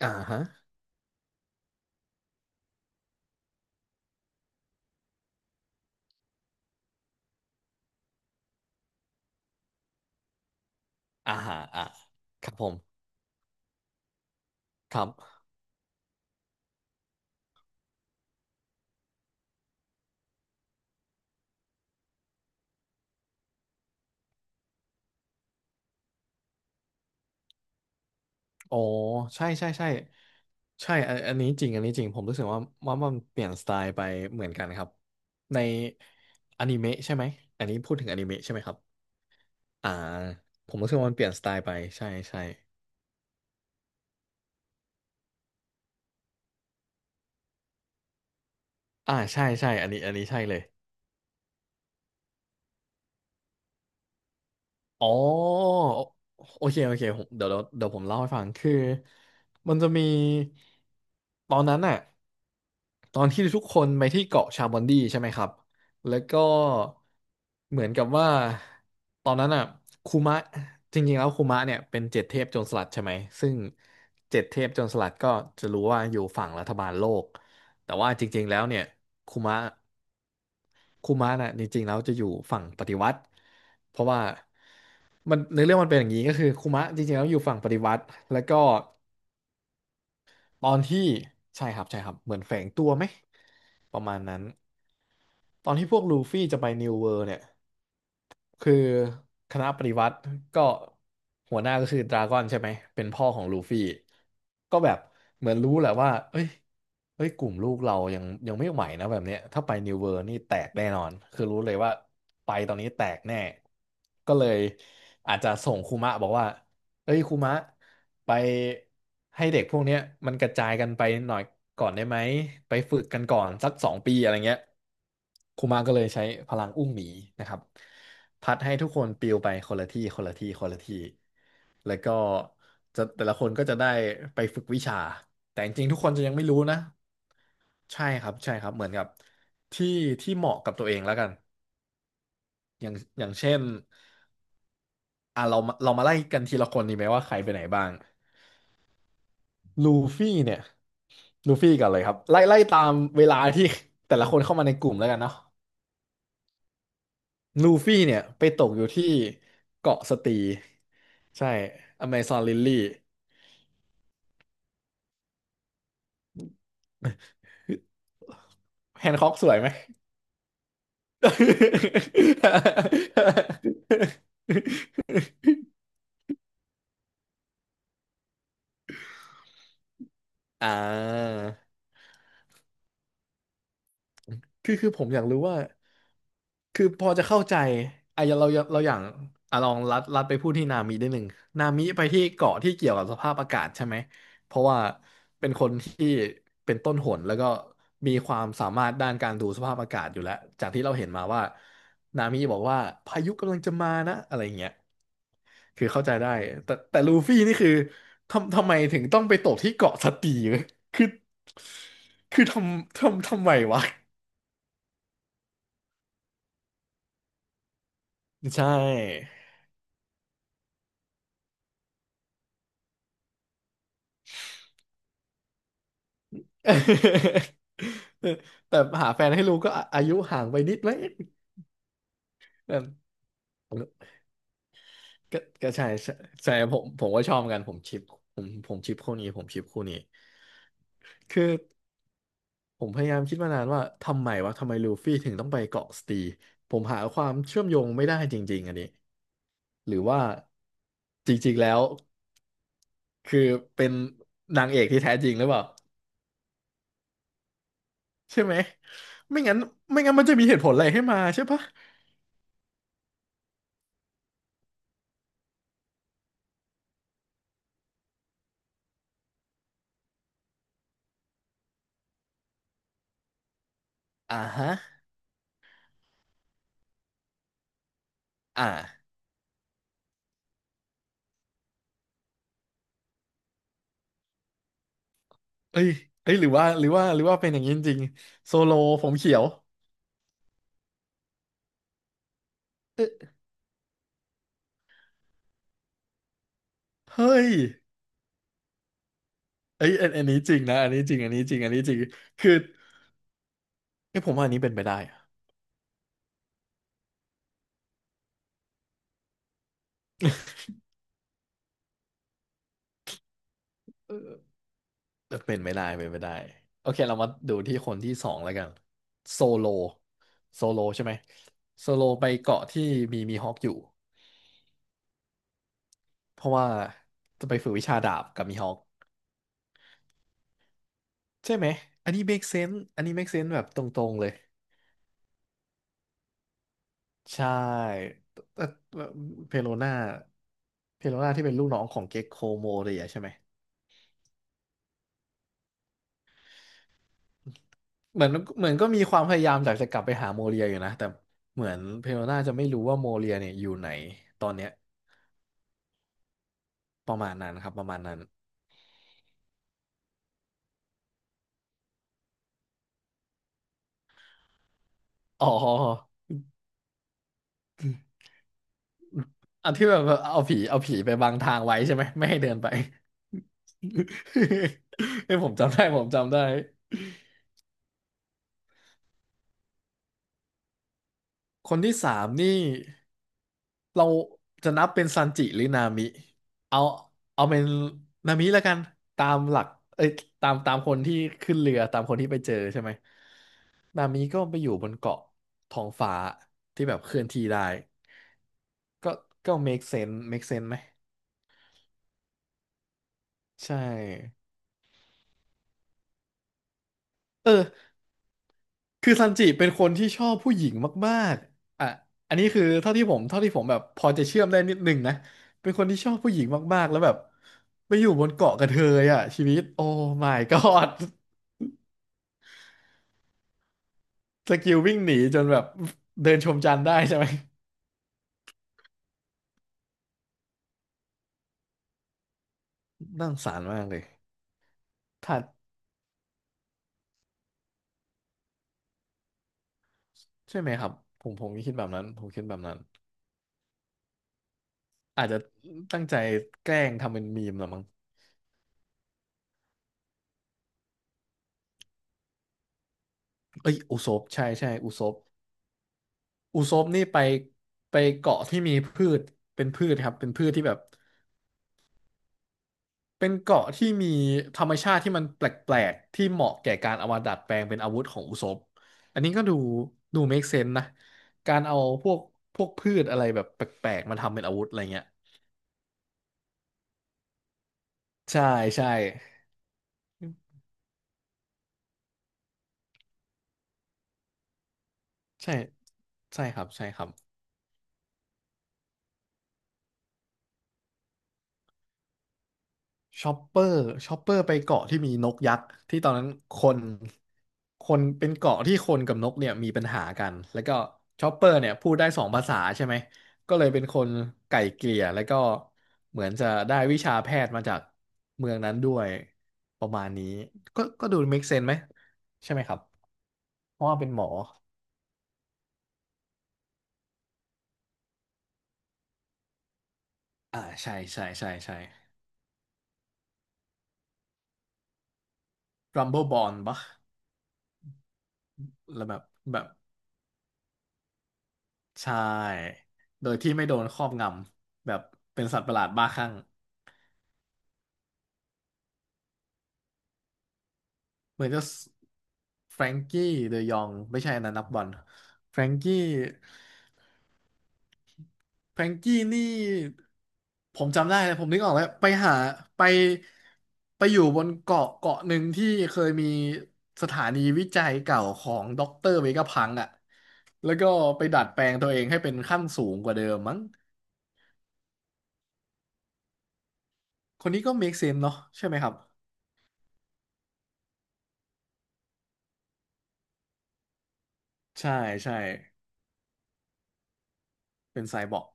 อ่าฮะอ่าฮะอ่าครับผมครับโอ้ใช่ใช่ใช่ใช่อันนี้จริงอันนี้จริงผมรู้สึกว่ามันเปลี่ยนสไตล์ไปเหมือนกันครับในอนิเมะใช่ไหมอันนี้พูดถึงอนิเมะใช่ไหมครับอ่าผมรู้สึกว่ามันเปลี่ยนสไตล์ไปใช่ใช่อ่าใช่ใช่อันนี้ใช่เลย อ๋อโอเคโอเคผมเดี๋ยวเดี๋ยวเดี๋ยวผมเล่าให้ฟังคือมันจะมีตอนนั้นน่ะตอนที่ทุกคนไปที่เกาะชาบอนดีใช่ไหมครับแล้วก็เหมือนกับว่าตอนนั้นอ่ะคูมะจริงๆแล้วคูมะเนี่ยเป็นเจ็ดเทพโจรสลัดใช่ไหมซึ่งเจ็ดเทพโจรสลัดก็จะรู้ว่าอยู่ฝั่งรัฐบาลโลก แต่ว่าจริงๆแล้วเนี่ยคุมะคุมะน่ะจริงๆแล้วจะอยู่ฝั่งปฏิวัติเพราะว่ามันในอเรื่องมันเป็นอย่างนี้ก็คือคุมะจริงๆแล้วอยู่ฝั่งปฏิวัติแล้วก็ตอนที่ใช่ครับใช่ครับเหมือนแฝงตัวไหมประมาณนั้นตอนที่พวกลูฟี่จะไปนิวเวิร์เนี่ย คือคณะปฏิวัติก็หัวหน้าก็คือดราก้อนใช่ไหมเป็นพ่อของลูฟี่ก็แบบเหมือนรู้แหละว่าเอ้ยเอ้ยกลุ่มลูกเรายังไม่ไหวนะแบบเนี้ยถ้าไปนิวเวอร์นี่แตกแน่นอนคือรู้เลยว่าไปตอนนี้แตกแน่ก็เลยอาจจะส่งคุมะบอกว่า เอ้ยครูมะไปให้เด็กพวกเนี้ยมันกระจายกันไปหน่อยก่อนได้ไหมไปฝึกกันก่อนสัก2 ปีอะไรเงี้ยครูมะก็เลยใช้พลังอุ้งหมีนะครับพัดให้ทุกคนปลิวไปคนละที่คนละที่คนละที่แล้วก็จะแต่ละคนก็จะได้ไปฝึกวิชาแต่จริงๆทุกคนจะยังไม่รู้นะใช่ครับใช่ครับเหมือนกับที่ที่เหมาะกับตัวเองแล้วกันอย่างอย่างเช่นอ่ะเรามาไล่กันทีละคนดีไหมว่าใครไปไหนบ้าง ลูฟี่เนี่ยลูฟี่ก่อนเลยครับไล่ตามเวลาที่ แต่ละคนเข้ามาในกลุ่มแล้วกันเนาะลูฟี่เนี่ยไปตกอยู่ที่เกาะสตีใช่อเมซอนลิลลี่แฮนค็อกสวยไหม อ่าคือผมอยากรู้ว่า คือพอจะเข้าใจอ่ะเราอย่างอ่ะลองลัดไปพูดที่นามิได้หนึ่งนามิไปที่เกาะที่เกี่ยวกับสภาพอากาศใช่ไหมเพราะว่าเป็นคนที่เป็นต้นหนแล้วก็มีความสามารถด้านการดูสภาพอากาศอยู่แล้วจากที่เราเห็นมาว่านามิบอกว่าพายุกำลังจะมานะอะไรอย่างเงี้ยคือเข้าใจได้แต่ลูฟี่นี่คือทำไมถึงต้องไปตกที่เกาะสตีวะคือคือทำไมวะใช่ แต่หาแฟนให้ลูกก็อาอายุห่างไปนิดไหมแบบก็ใช่ใช่ใช่ผมก็ชอบเหมือนกันผมชิปผมชิปคู่นี้ผมชิปคู่นี้คือผมพยายามคิดมานานว่าทำไมวะทำไมลูฟี่ถึงต้องไปเกาะสตีผมหาความเชื่อมโยงไม่ได้จริงๆอันนี้หรือว่าจริงๆแล้วคือเป็นนางเอกที่แท้จริงหรือเปล่าใช่ไหมไม่งั้นไม่งั้นมันจะมีเหตุผลอะไรให้มาใช่ปะอ่าฮะอ่า เอ้ยเอ้ยหรือว่าเป็นอย่างนี้จริงๆโซโลผมเขียวเอ้ยเฮ้ยเอ้ยอันนี้จริงนะอันนี้จริงอันนี้จริงอันนี้จริงคือเอ้ยผมว่าอันนี้เป็นไปได้อะเออเออเป็นไม่ได้เป็นไม่ได้โอเคเรามาดูที่คนที่สองแล้วกันโซโลโซโลใช่ไหมโซโลไปเกาะที่มีมีฮอกอยู่เพราะว่าจะไปฝึกวิชาดาบกับมีฮอกใช่ไหมอันนี้ make sense อันนี้ make sense แบบตรงๆเลย ใช่แต่แต่เพโลนาเพโลนาที่เป็นลูกน้องของเก็กโคโมเรียใช่ไหมเหมือนเหมือนก็มีความพยายามอยากจะกลับไปหาโมเรียอยู่นะแต่เหมือนเพโลนาจะไม่รู้ว่าโมเรียเนี่ยอยู่ไหนตอนเนี้ยประมาณนั้นครับประมาณนั้นอ๋ออันที่แบบเอาผีไปบังทางไว้ใช่ไหมไม่ให้เดินไป เอ้ยผมจำได้ผมจำได้คนที่สามนี่ เราจะนับเป็นซันจิหรือนามิเอาเอาเป็นนามิแล้วกันตามหลักเอ้ยตามคนที่ขึ้นเรือตามคนที่ไปเจอใช่ไหมนามิก็ไปอยู่บนเกาะท้องฟ้าที่แบบเคลื่อนที่ได้ก็ก็ make sense make sense ไหมใช่เออ คือซันจิเป็นคนที่ชอบผู้หญิงมากๆอ่ะอันนี้คือเท่าที่ผมแบบพอจะเชื่อมได้นิดหนึงนะ เป็นคนที่ชอบผู้หญิงมากๆแล้วแบบไปอยู่บนเกาะกระเทยอ่ะชีวิตโอ้ my god สกิลวิ่งหนีจนแบบเดินชมจันทร์ได้ใช่ไหมน่าสงสารมากเลยถ้าใช่ไหมครับผมคิดแบบนั้นอาจจะตั้งใจแกล้งทำเป็นมีมเหรอมั้งเอ้ยอุซบใช่ใช่อุซบ อุซบนี่ไปเกาะที่มีพืชเป็นพืชครับเป็นพืชที่แบบเป็นเกาะที่มีธรรมชาติที่มันแปลกๆที่เหมาะแก่การเอามาดัดแปลงเป็นอาวุธของอุซบอันนี้ก็ดู make sense นะการเอาพวกพวกพืชอะไรแบบแปลกๆมาทำเป็นอาวุธอะไรเงี้ยใช่ใช่ใช่ใช่ครับใช่ครับ ชอปเปอร์ชอปเปอร์ไปเกาะที่มีนกยักษ์ที่ตอนนั้นคนคนเป็นเกาะที่คนกับนกเนี่ยมีปัญหากันแล้วก็ชอปเปอร์เนี่ยพูดได้สองภาษาใช่ไหมก็เลยเป็นคนไก่เกลี่ยแล้วก็เหมือนจะได้วิชาแพทย์มาจากเมืองนั้นด้วยประมาณนี้ก็ก็ดู make sense ไหมใช่ไหมครับเพราะว่าเป็นหมออ่าใช่ใช่ใช่ใช่ Rumble Bond ปะแล้วแบบใช่โดยที่ไม่โดนครอบงำแบบเป็นสัตว์ประหลาดบ้าคลั่ง เหมือนจะแฟรงกี้เดยองไม่ใช่อันนั้นนักบอลแฟรงกี้แฟรงกี้นี่ผมจำได้เลยผมนึกออกแล้วไปหาไปไปอยู่บนเกาะเกาะหนึ่งที่เคยมีสถานีวิจัยเก่าของด็อกเตอร์เวกาพังอ่ะแล้วก็ไปดัดแปลงตัวเองให้เป็นขั้นสูงกว่าเดิมมั้งคนนี้ก็ make sense เนาะใช่ไหมครับใช่ใช่เป็นไซบอร์ก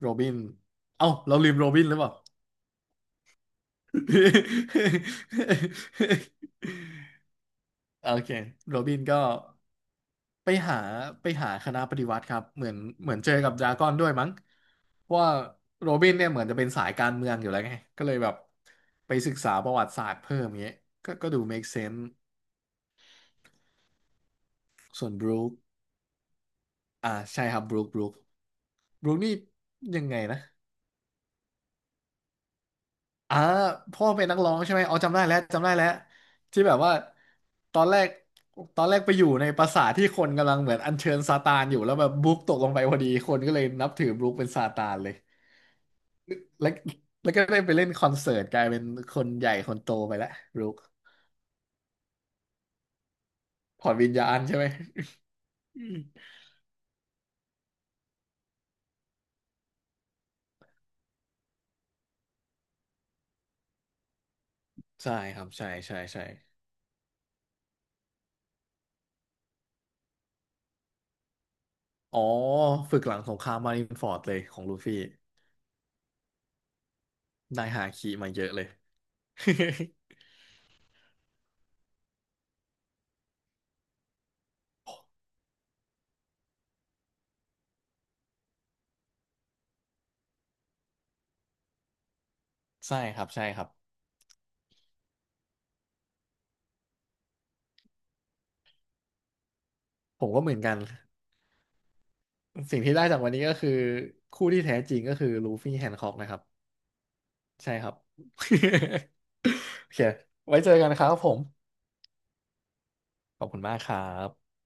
โรบินเอ้าเราลืมโรบินหรือเปล่า โอเคโรบินก็ไปหาไปหาคณะปฏิวัติครับเหมือนเหมือนเจอกับดราก้อนด้วยมั้งเพราะว่าโรบินเนี่ยเหมือนจะเป็นสายการเมืองอยู่แล้วไงก็เลยแบบไปศึกษาประวัติศาสตร์เพิ่มเงี้ยก็ก็ดู make sense ส่วนบรูคอ่าใช่ครับบรูคบรูคนี่ยังไงนะ อ่าพ่อเป็นนักร้องใช่ไหมอ๋อจำได้แล้วจำได้แล้วที่แบบว่าตอนแรกตอนแรกไปอยู่ในปราสาทที่คนกำลังเหมือนอัญเชิญซาตานอยู่แล้วแบบบลุ๊กตกลงไปพอดีคนก็เลยนับถือบลุ๊คเป็นซาตานเลยแล้วแล้วก็ได้ไปเล่นคอนเสิร์ตกลายเป็นคนใหญ่คนโตไปแล้วบลุ๊กถอดวิญญาณใช่ไหมอืมใช่ครับใช่ใช่ใช่อ๋อฝึกหลังสงครามมารินฟอร์ดเลยของลูฟี่นายฮาคิมาเยอะเลย ใช่ครับใช่ครับผมก็เหมือนกัน สิ่งที่ได้จากวันนี้ก็คือคู่ที่แท้จริงก็คือลูฟี่แฮนค็อกนะครับใช่ครับ โอเคไว้เจอกันครับผมขอบคุณมากครับ